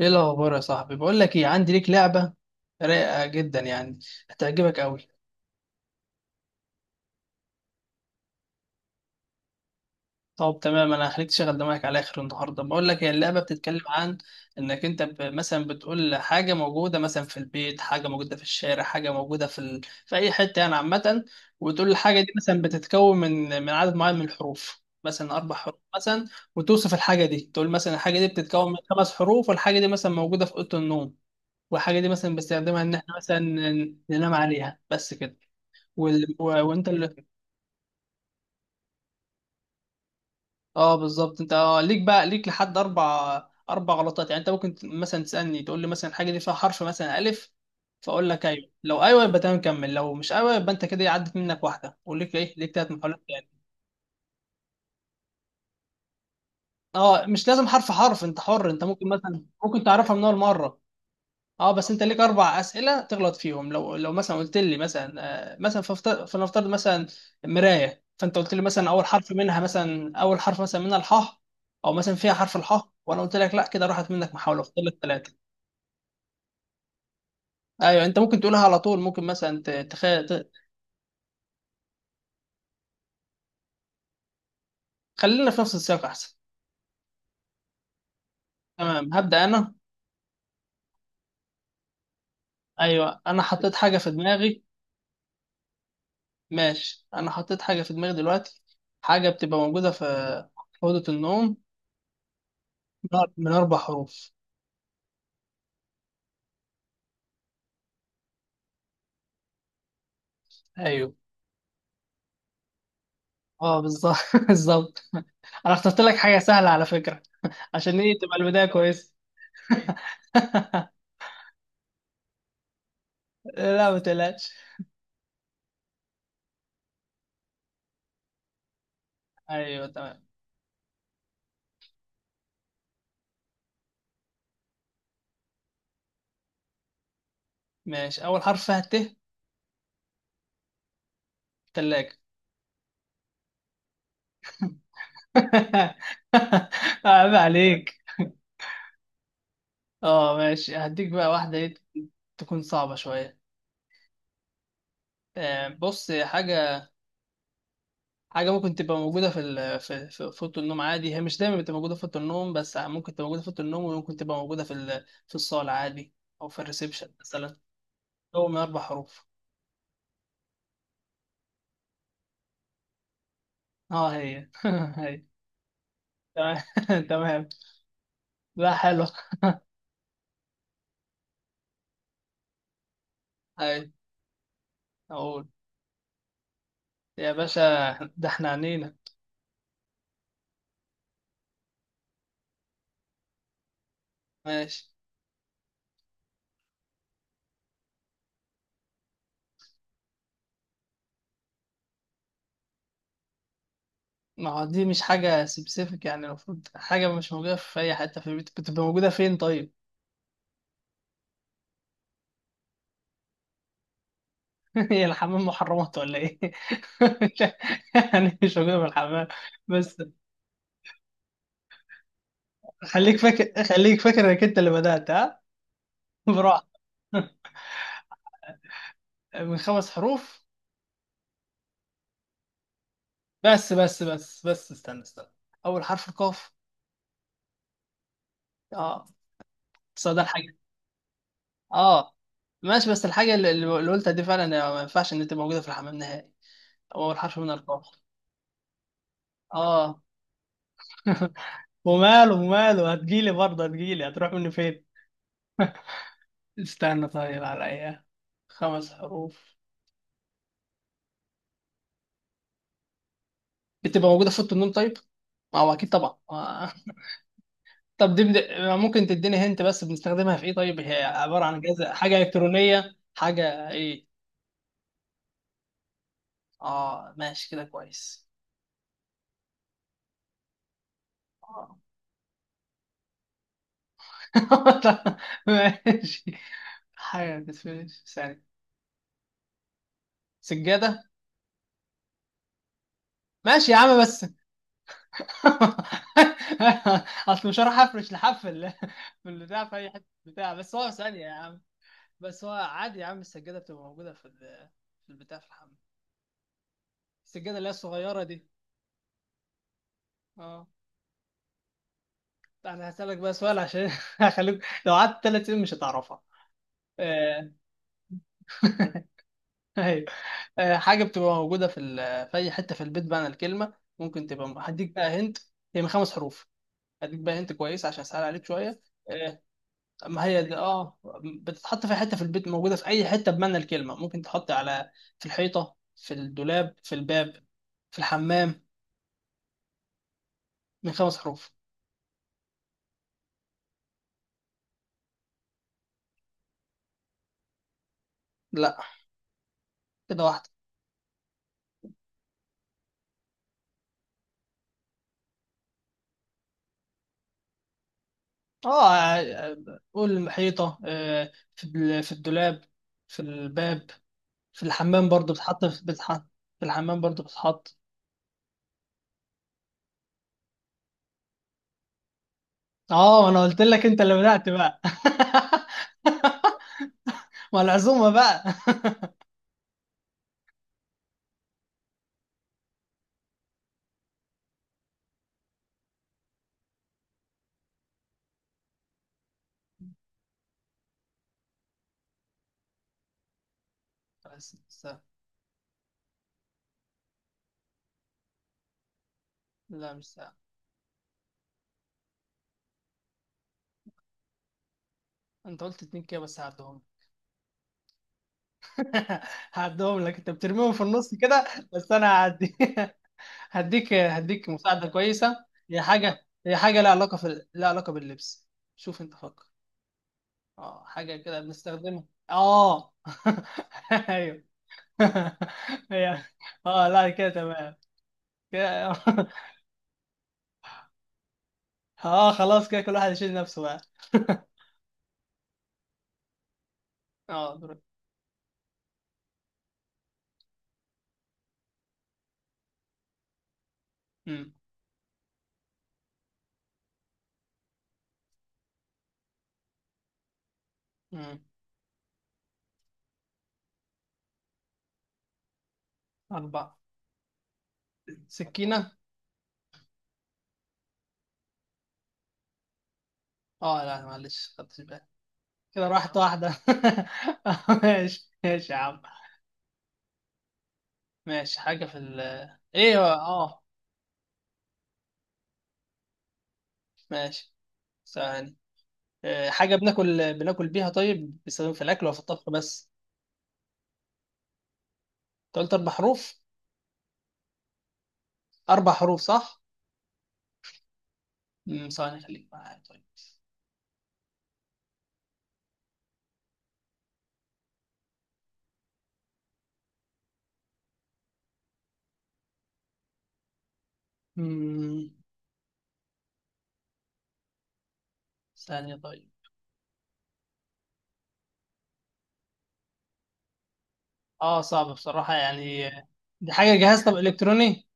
ايه الاخبار يا صاحبي؟ بقول لك ايه، عندي ليك لعبه رايقه جدا يعني، هتعجبك قوي. طب تمام، انا هخليك تشغل دماغك على اخر النهارده. بقول لك، هي اللعبه بتتكلم عن انك انت مثلا بتقول حاجه موجوده مثلا في البيت، حاجه موجوده في الشارع، حاجه موجوده في اي حته يعني عامه. وتقول الحاجه دي مثلا بتتكون من عدد معين من الحروف، مثلا اربع حروف مثلا. وتوصف الحاجه دي، تقول مثلا الحاجه دي بتتكون من خمس حروف، والحاجه دي مثلا موجوده في اوضه النوم. والحاجة دي مثلا بستخدمها إن إحنا مثلا ننام عليها، بس كده. وأنت اللي... أه، بالظبط. أنت ليك بقى، ليك لحد أربع غلطات يعني. أنت ممكن مثلا تسألني، تقول لي مثلا الحاجة دي فيها حرف مثلا ألف. فأقول لك أيوه. لو أيوه يبقى تمام، كمل. لو مش أيوه يبقى أنت كده إيه، عدت منك واحدة، وليك إيه، ليك تلات محاولات تاني. أه، مش لازم حرف حرف. أنت حر، أنت ممكن مثلا تعرفها من أول مرة. اه، بس انت ليك اربع اسئله تغلط فيهم. لو مثلا قلت لي مثلا... مثلا فلنفترض مثلا... مرايه، فانت قلت لي مثلا اول حرف منها، مثلا اول حرف مثلا منها الحاء. او مثلا فيها حرف الحاء، وانا قلت لك لا، كده راحت منك محاوله، فاضل لك ثلاثه. ايوه، انت ممكن تقولها على طول، ممكن مثلا خلينا في نفس السياق احسن. تمام، هبدا انا. ايوه، انا حطيت حاجه في دماغي. ماشي، انا حطيت حاجه في دماغي دلوقتي. حاجه بتبقى موجوده في اوضه النوم. من اربع حروف. ايوه. اه، بالظبط. بالظبط. انا اخترت لك حاجه سهله على فكره. عشان ايه تبقى البدايه كويسه. لا، ما تقلقش. ايوه، تمام. ماشي، اول حرف فيها ت. تلاجة. عيب عليك. اه، ماشي. هديك بقى واحده ايه... تكون صعبه شويه. بص. حاجه حاجه ممكن تبقى موجوده في ال- في في في اوضه النوم عادي. هي مش دايما بتبقى موجوده في اوضه النوم، بس ممكن تبقى موجوده في اوضه النوم، وممكن تبقى موجوده في الصاله عادي. او في الريسبشن مثلا. هو من اربع حروف. اه، هي. هي. تمام. تمام. لا، حلو. هي. اقول. يا باشا، ده احنا عنينا. ماشي. ما هو دي مش حاجة سبيسيفيك يعني، المفروض حاجة مش موجودة في أي حتة في البيت، بتبقى موجودة فين طيب؟ هي الحمام محرمات ولا إيه؟ يعني مش موجودة في الحمام بس. خليك فاكر إنك أنت اللي بدأت ها؟ براحة. من خمس حروف. بس استنى. أول حرف القاف. اه. صدى الحاجة. اه، ماشي. بس الحاجة اللي قلتها دي فعلا ما ينفعش ان تبقى موجودة في الحمام نهائي. هو الحرف من القاف. اه. وماله، هتجيلي برضه، هتجيلي، هتروح مني فين؟ استنى طيب، على ايه؟ خمس حروف. بتبقى موجودة في اوضة النوم طيب. ما هو اكيد طبعا. طب دي ممكن تديني هنت، بس بنستخدمها في ايه طيب؟ هي عبارة عن جهاز، حاجة الكترونية، حاجة ايه؟ اه، ماشي، كده كويس. آه. ماشي. حاجة بتفيش. سجادة. ماشي يا عم، بس... اصل مش هروح افرش لحفل في البتاع في اي حته بتاع، بس هو ثانية يا عم. بس هو عادي يا عم، السجادة بتبقى موجودة في البتاع، في الحمام. السجادة اللي هي الصغيرة دي. اه. انا هسألك بقى سؤال عشان هخليك لو قعدت 3 سنين مش هتعرفها. آه، ايوه. حاجة بتبقى موجودة في اي حتة في البيت بقى. أنا الكلمة ممكن تبقى هديك بقى هنت. هي من خمس حروف. هديك بقى هنت كويس عشان اسهل عليك شوية. آه، ما هي دي، اه. بتتحط في حته في البيت، موجوده في اي حته بمعنى الكلمه، ممكن تحط على في الحيطه، في الدولاب، في الباب. في الحمام. من خمس حروف. لا، كده واحده. اه. قول الحيطه، في الدولاب، في الباب، في الحمام برضو بتتحط، في بتتحط، في الحمام برضو بتتحط. اه، انا قلت لك انت اللي بدأت بقى. ما العزومه بقى. بس مش سهل. لا، مش سهل. انت قلت اتنين كده، بس هعدهم. هعدهم لك، انت بترميهم في النص كده. بس انا هعدي. هديك مساعده كويسه. هي حاجه لها علاقه باللبس. شوف، انت فكر. اه، حاجه كده بنستخدمها. اه ايوه. هي. اه، لا، كده تمام. كده. اه، خلاص، كده كل واحد يشيل نفسه بقى. اه، دور. امم امم اربعه. سكينه. اه، لا معلش، خدتش بالي. كده راحت واحده. ماشي ماشي يا عم. ماشي، حاجة في ال... ايه هو، اه. ماشي. ثواني. حاجة بناكل بيها، طيب بيستخدم في الأكل ولا في الطبخ بس؟ أنت قلت أربع حروف؟ أربع حروف صح؟ ثواني، خليك معايا طيب. امم ثانية طيب. اه، صعبة بصراحة يعني. دي حاجة جهاز، طب إلكتروني؟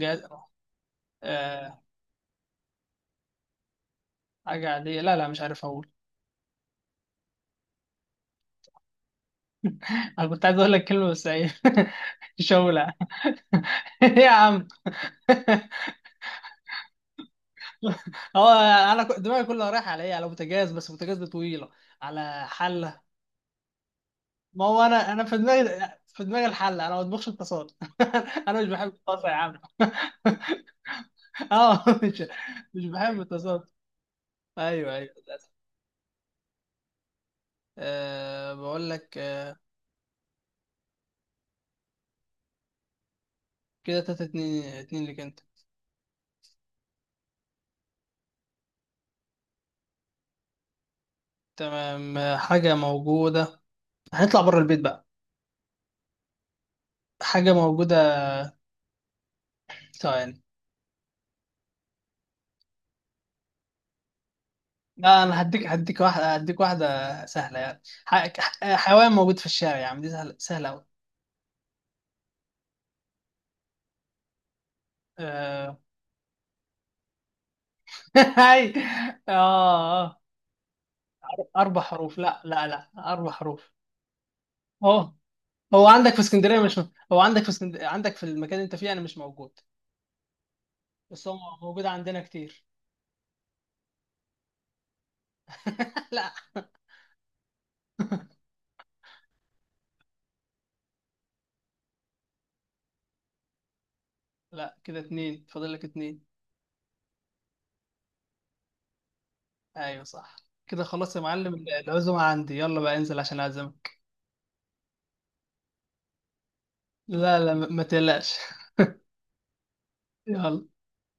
جهاز. آه حاجة عادية، لا لا، مش عارف أقول. أنا كنت عايز أقول لك كلمة بس إيه. شولع. إيه يا عم. هو، انا دماغي كلها رايحه على ايه، على بوتاجاز، بس بوتاجاز دي طويله. على حله. ما هو، انا في دماغي الحله. انا ما بطبخش الطاسات. انا مش بحب الطاسه يا عم. اه، مش بحب الطاسات. ايوه، ايوه، للأسف. أه، بقول لك. كده 3-2، اتنين ليك انت. تمام. حاجه موجوده، هنطلع بره البيت بقى. حاجه موجوده... ثواني. لا، انا هديك واحده. سهله يعني، حيوان موجود في الشارع يعني، دي سهله سهله قوي. هاي. اه. اربع حروف. لا لا لا، اربع حروف. هو... هو عندك في اسكندريه مش م- هو عندك في اسكندريه، عندك في المكان اللي انت فيه، انا مش موجود. بس هو موجود عندنا كتير. لا. لا، كده اتنين، فاضل لك اتنين. ايوه، صح. كده خلاص يا معلم، العزومه عندي، يلا بقى انزل عشان اعزمك. لا لا، ما تقلقش. يلا.